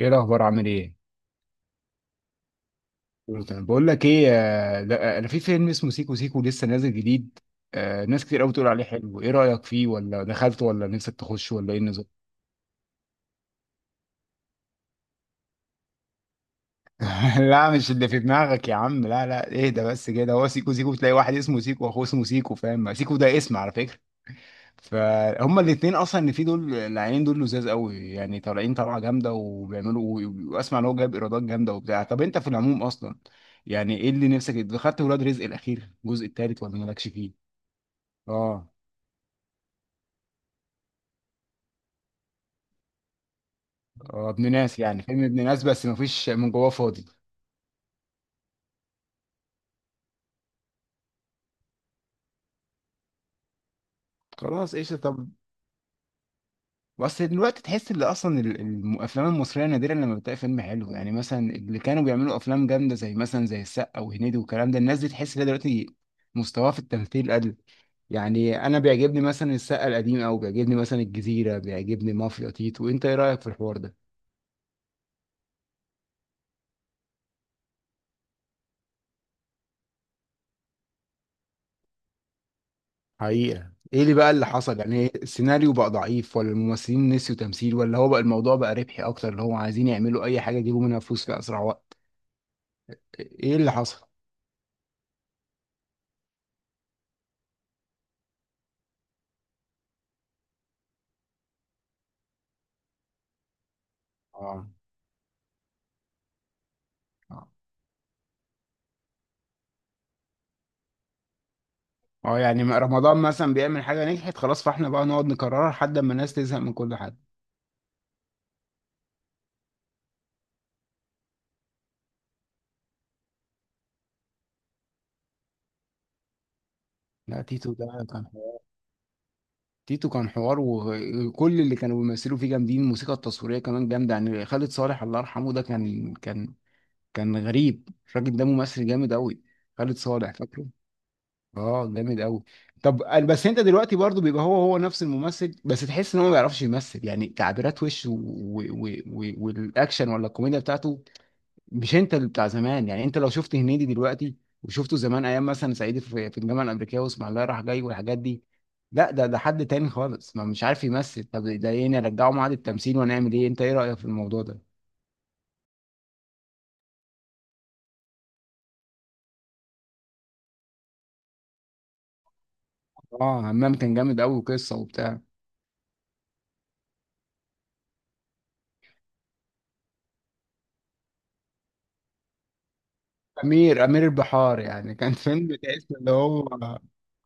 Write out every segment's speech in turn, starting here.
ايه الاخبار عامل ايه؟ كله تمام. بقول لك ايه، ده انا في فيلم اسمه سيكو سيكو لسه نازل جديد. ناس كتير قوي بتقول عليه حلو، ايه رايك فيه؟ ولا دخلته؟ ولا نفسك تخش؟ ولا ايه النظام؟ لا مش اللي في دماغك يا عم، لا ايه ده؟ بس كده هو سيكو سيكو، تلاقي واحد اسمه سيكو واخوه اسمه سيكو، فاهم؟ سيكو ده اسم على فكره. فهم الاثنين اصلا اللي فيه دول، العينين دول لزاز قوي، يعني طالعين طلعه جامده وبيعملوا. واسمع ان هو جايب ايرادات جامده وبتاع. طب انت في العموم اصلا، يعني ايه اللي نفسك؟ دخلت ولاد رزق الاخير الجزء الثالث ولا مالكش فيه؟ اه. اه ابن ناس، يعني فيلم ابن ناس بس مفيش من جواه، فاضي. خلاص قشطة. طب بس دلوقتي تحس ان اصلا الافلام المصريه نادرا لما بتلاقي فيلم حلو. يعني مثلا اللي كانوا بيعملوا افلام جامده، زي مثلا زي السقا وهنيدي والكلام ده، الناس دي تحس ان هي دلوقتي مستواها في التمثيل قل. يعني انا بيعجبني مثلا السقا القديم، او بيعجبني مثلا الجزيره، بيعجبني مافيا تيتو. انت ايه رايك في الحوار ده؟ حقيقة ايه اللي بقى اللي حصل؟ يعني السيناريو بقى ضعيف؟ ولا الممثلين نسيوا تمثيل؟ ولا هو بقى الموضوع بقى ربحي اكتر، اللي هو عايزين يعملوا اي حاجة يجيبوا منها فلوس في اسرع وقت؟ ايه اللي حصل؟ اه. اه. اه يعني ما- رمضان مثلا بيعمل حاجة نجحت، خلاص فاحنا بقى نقعد نكررها لحد ما الناس تزهق من كل حاجة. لا تيتو ده كان حوار. تيتو كان حوار، وكل اللي كانوا بيمثلوا فيه جامدين، الموسيقى التصويرية كمان جامدة. يعني خالد صالح الله يرحمه ده كان كان غريب، الراجل ده ممثل جامد قوي. خالد صالح، فاكره؟ اه جامد قوي. طب أنا- بس انت دلوقتي برضو بيبقى هو نفس الممثل بس تحس ان هو ما بيعرفش يمثل، يعني تعبيرات وشه والاكشن ولا الكوميديا بتاعته مش انت اللي بتاع زمان. يعني انت لو شفت هنيدي دلوقتي وشفته زمان ايام مثلا صعيدي في الجامعه الامريكيه واسمع الله رايح جاي والحاجات دي، لا ده حد تاني خالص، ما مش عارف يمثل. طب ده ايه نرجعه معاد التمثيل؟ ونعمل ايه؟ انت ايه رايك في الموضوع ده؟ اه همام كان جامد قوي وقصه وبتاع. امير البحار، يعني كان فيلم تحس اللي هو.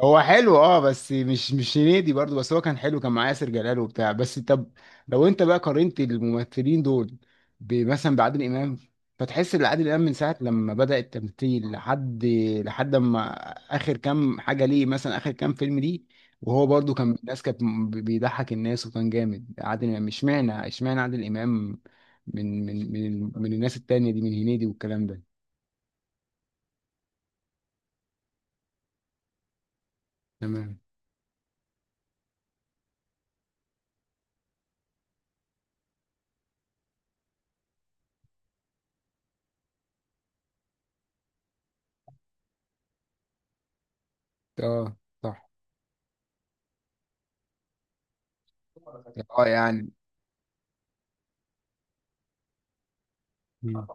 هو حلو اه، بس مش مش هنيدي برضو، بس هو كان حلو، كان معاه ياسر جلال وبتاع. بس طب لو انت بقى قارنت الممثلين دول ب- مثلا بعادل امام، فتحس ان عادل امام من ساعه لما بدأ التمثيل لحد لحد ما اخر كام حاجه ليه، مثلا اخر كام فيلم ليه، وهو برضو كان الناس كانت م- بيضحك الناس وكان جامد. عادل امام، اشمعنى اشمعنى عادل امام من الناس التانية دي، من هنيدي والكلام ده؟ تمام. اه صح. اه يعني. مم.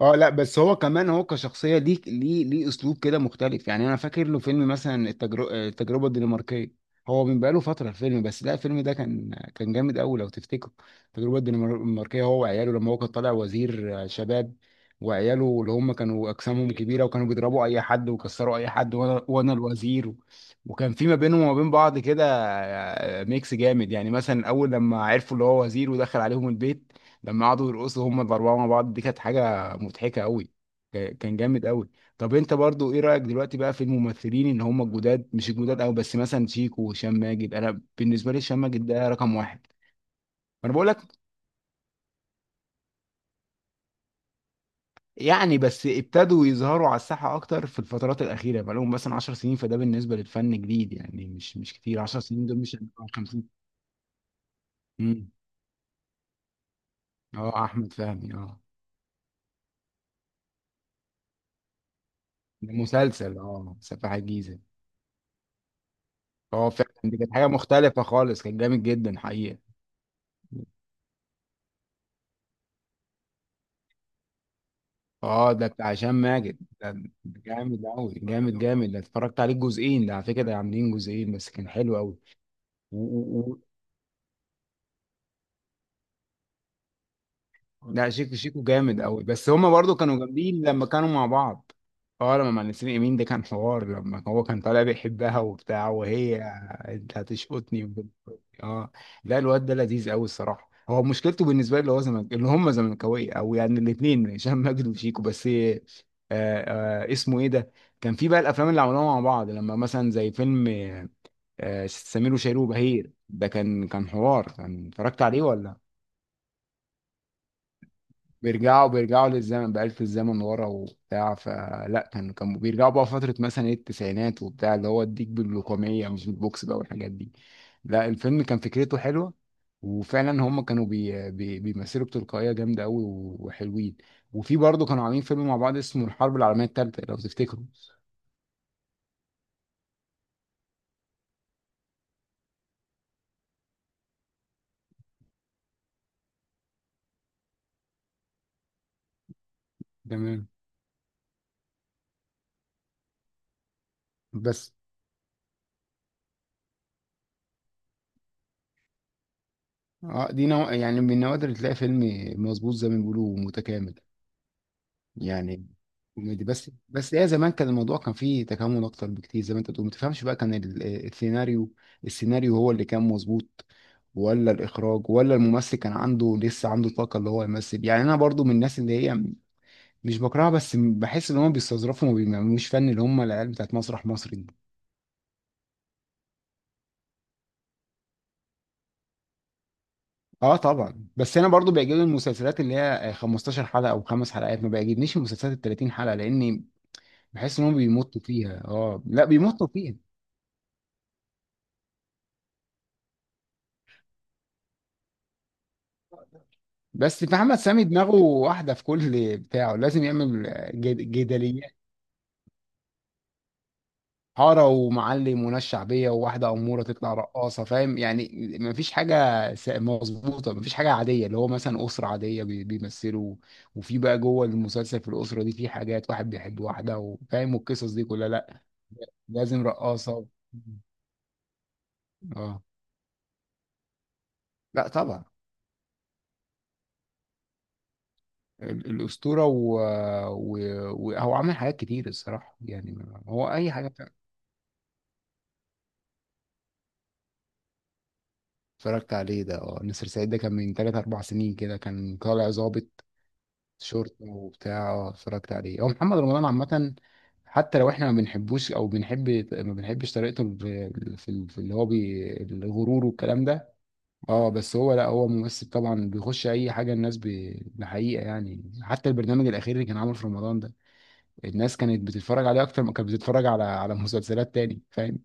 اه لا بس هو كمان هو كشخصيه ليه ليه اسلوب كده مختلف. يعني انا فاكر له فيلم مثلا التجربه التجربه الدنماركيه، هو من بقاله فتره الفيلم بس لا الفيلم ده كان جامد قوي لو تفتكر. التجربه الدنماركيه، هو وعياله لما هو كان طالع وزير شباب، وعياله اللي هم كانوا اجسامهم كبيره وكانوا بيضربوا اي حد ويكسروا اي حد، وانا الوزير. وكان في ما بينهم وما بين بعض كده ميكس جامد، يعني مثلا اول لما عرفوا اللي هو وزير ودخل عليهم البيت، لما قعدوا يرقصوا هم الاربعه مع بعض دي كانت حاجه مضحكه قوي، كان جامد قوي. طب انت برضو ايه رايك دلوقتي بقى في الممثلين ان هم الجداد، مش الجداد قوي بس مثلا شيكو وهشام ماجد، انا بالنسبه لي هشام ماجد ده رقم واحد. انا بقول لك يعني بس ابتدوا يظهروا على الساحه اكتر في الفترات الاخيره، بقى لهم مثلا 10 سنين، فده بالنسبه للفن جديد يعني، مش مش كتير 10 سنين دول، مش 50. امم اه احمد فهمي اه. ده مسلسل اه سفاح الجيزه. اه فعلا دي كانت حاجه مختلفه خالص، كان جامد جدا حقيقه. اه ده بتاع هشام ماجد ده، ده جامد قوي، جامد، ده اتفرجت عليه جزئين، ده على فكره ده عاملين جزئين بس كان حلو قوي. لا شيكو، شيكو جامد قوي، بس هما برضو كانوا جامدين لما كانوا مع بعض. اه لما مع نسرين امين ده كان حوار، لما هو كان طالع بيحبها وبتاع وهي. انت هتشقطني وب- اه. لا الواد ده لذيذ قوي الصراحه، هو مشكلته بالنسبه لي اللي هو زمن اللي هم زملكاويه، او يعني الاثنين هشام ماجد وشيكو بس آه اسمه ايه ده، كان في بقى الافلام اللي عملوها مع بعض لما مثلا زي فيلم سمير وشهير وبهير ده كان حوار، كان اتفرجت عليه ولا؟ بيرجعوا للزمن بآلة الزمن ورا وبتاع، فلا كان كانوا بيرجعوا بقى فترة مثلا ايه التسعينات وبتاع، اللي هو اديك باللقمية مش بالبوكس بقى والحاجات دي. لا الفيلم كان فكرته حلوة، وفعلا هم كانوا بي بي بيمثلوا بتلقائية جامدة قوي وحلوين. وفي برضه كانوا عاملين فيلم مع بعض اسمه الحرب العالمية التالتة لو تفتكروا. تمام. بس اه دي نوع يعني من النوادر اللي تلاقي فيلم مظبوط، زي ما بيقولوا متكامل يعني، كوميدي بس. بس هي زمان كان الموضوع كان فيه تكامل اكتر بكتير زي ما انت بتقول، ما تفهمش بقى كان السيناريو، السيناريو هو اللي كان مظبوط، ولا الاخراج، ولا الممثل كان عنده لسه عنده طاقه اللي هو يمثل. يعني انا برضو من الناس اللي هي مش بكرهها بس بحس ان هم بيستظرفوا وما بيعملوش فن، اللي هم العيال بتاعت مسرح مصر دي. اه طبعا، بس انا برضو بيعجبني المسلسلات اللي هي 15 حلقه او خمس حلقات، ما بيعجبنيش المسلسلات ال 30 حلقه، لاني بحس ان هم بيمطوا فيها. اه لا بيمطوا. بس محمد سامي دماغه واحدة في كل بتاعه، لازم يعمل جد- جدليات، حارة ومعلم وناس شعبية وواحدة أمورة تطلع رقاصة، فاهم؟ يعني مفيش حاجة س- مظبوطة، مفيش حاجة عادية اللي هو مثلا أسرة عادية بي- بيمثلوا، وفي بقى جوه المسلسل في الأسرة دي في حاجات واحد بيحب واحدة وفاهم والقصص دي كلها، لأ لازم رقاصة. اه لا طبعا. ال- الأسطورة، وهو و... وهو عمل حاجات كتير الصراحة يعني. هو أي حاجة. اتفرجت عليه ده، اه نسر سعيد ده كان من تلات أربع سنين كده، كان طالع ضابط شرطة وبتاع، اه اتفرجت عليه. هو محمد رمضان عامة، حتى لو احنا ما بنحبوش او بنحب ما بنحبش طريقته في في اللي هو بي الغرور والكلام ده. اه بس هو لا هو ممثل طبعا بيخش اي حاجه الناس ب- بحقيقه، يعني حتى البرنامج الاخير اللي كان عامله في رمضان ده، الناس كانت بتتفرج عليه اكتر ما كانت بتتفرج على على مسلسلات تاني، فاهم؟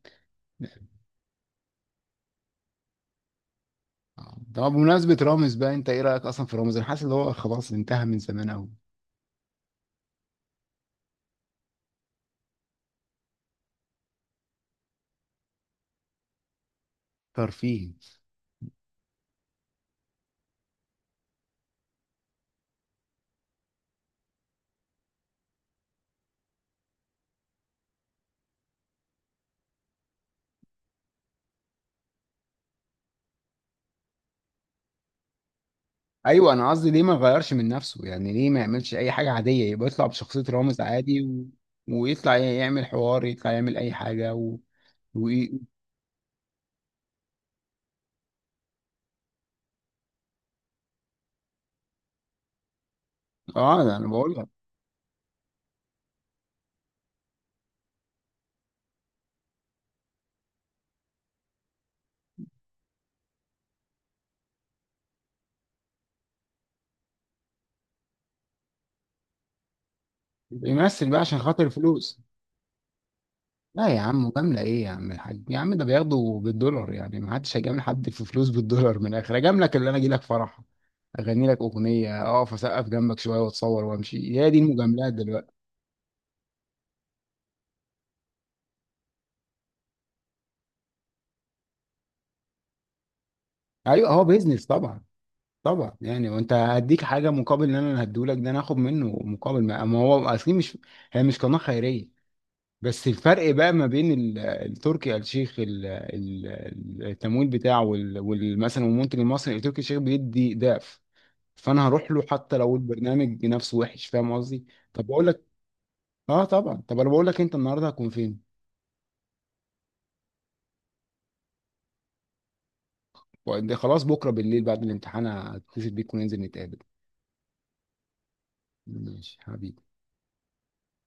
طب بمناسبة رامز بقى، انت ايه رأيك اصلا في رامز؟ انا حاسس ان هو خلاص انتهى من زمان قوي. ترفيه. ايوه انا قصدي ليه ما يغيرش من نفسه؟ يعني ليه ما يعملش اي حاجة عادية، يبقى يطلع بشخصية رامز عادي ويطلع يعمل حوار، يطلع يعمل اي حاجة و... اه ده انا بقول لك. يمثل بقى عشان خاطر الفلوس. لا يا عم، مجاملة ايه يا عم الحاج يا عم، ده بياخده بالدولار، يعني ما حدش هيجامل حد في فلوس بالدولار. من الاخر اجاملك اللي انا اجي لك فرح اغني لك اغنية، اقف اسقف جنبك شوية واتصور وامشي، هي دي المجاملات دلوقتي. ايوه هو بيزنس طبعا. طبعا، يعني وانت هديك حاجه مقابل ان انا هديهولك، ده انا هاخد منه مقابل، ما هو اصلي مش، هي مش قناه خيريه. بس الفرق بقى ما بين التركي آل الشيخ التمويل بتاعه مثلا المنتج المصري، التركي آل الشيخ بيدي ضعف، فانا هروح له حتى لو البرنامج نفسه وحش، فاهم قصدي؟ طب بقول لك، اه طبعا. طب انا بقول لك، انت النهارده هتكون فين؟ وقد- خلاص بكره بالليل بعد الامتحان هتصل بيك وننزل نتقابل. ماشي حبيبي.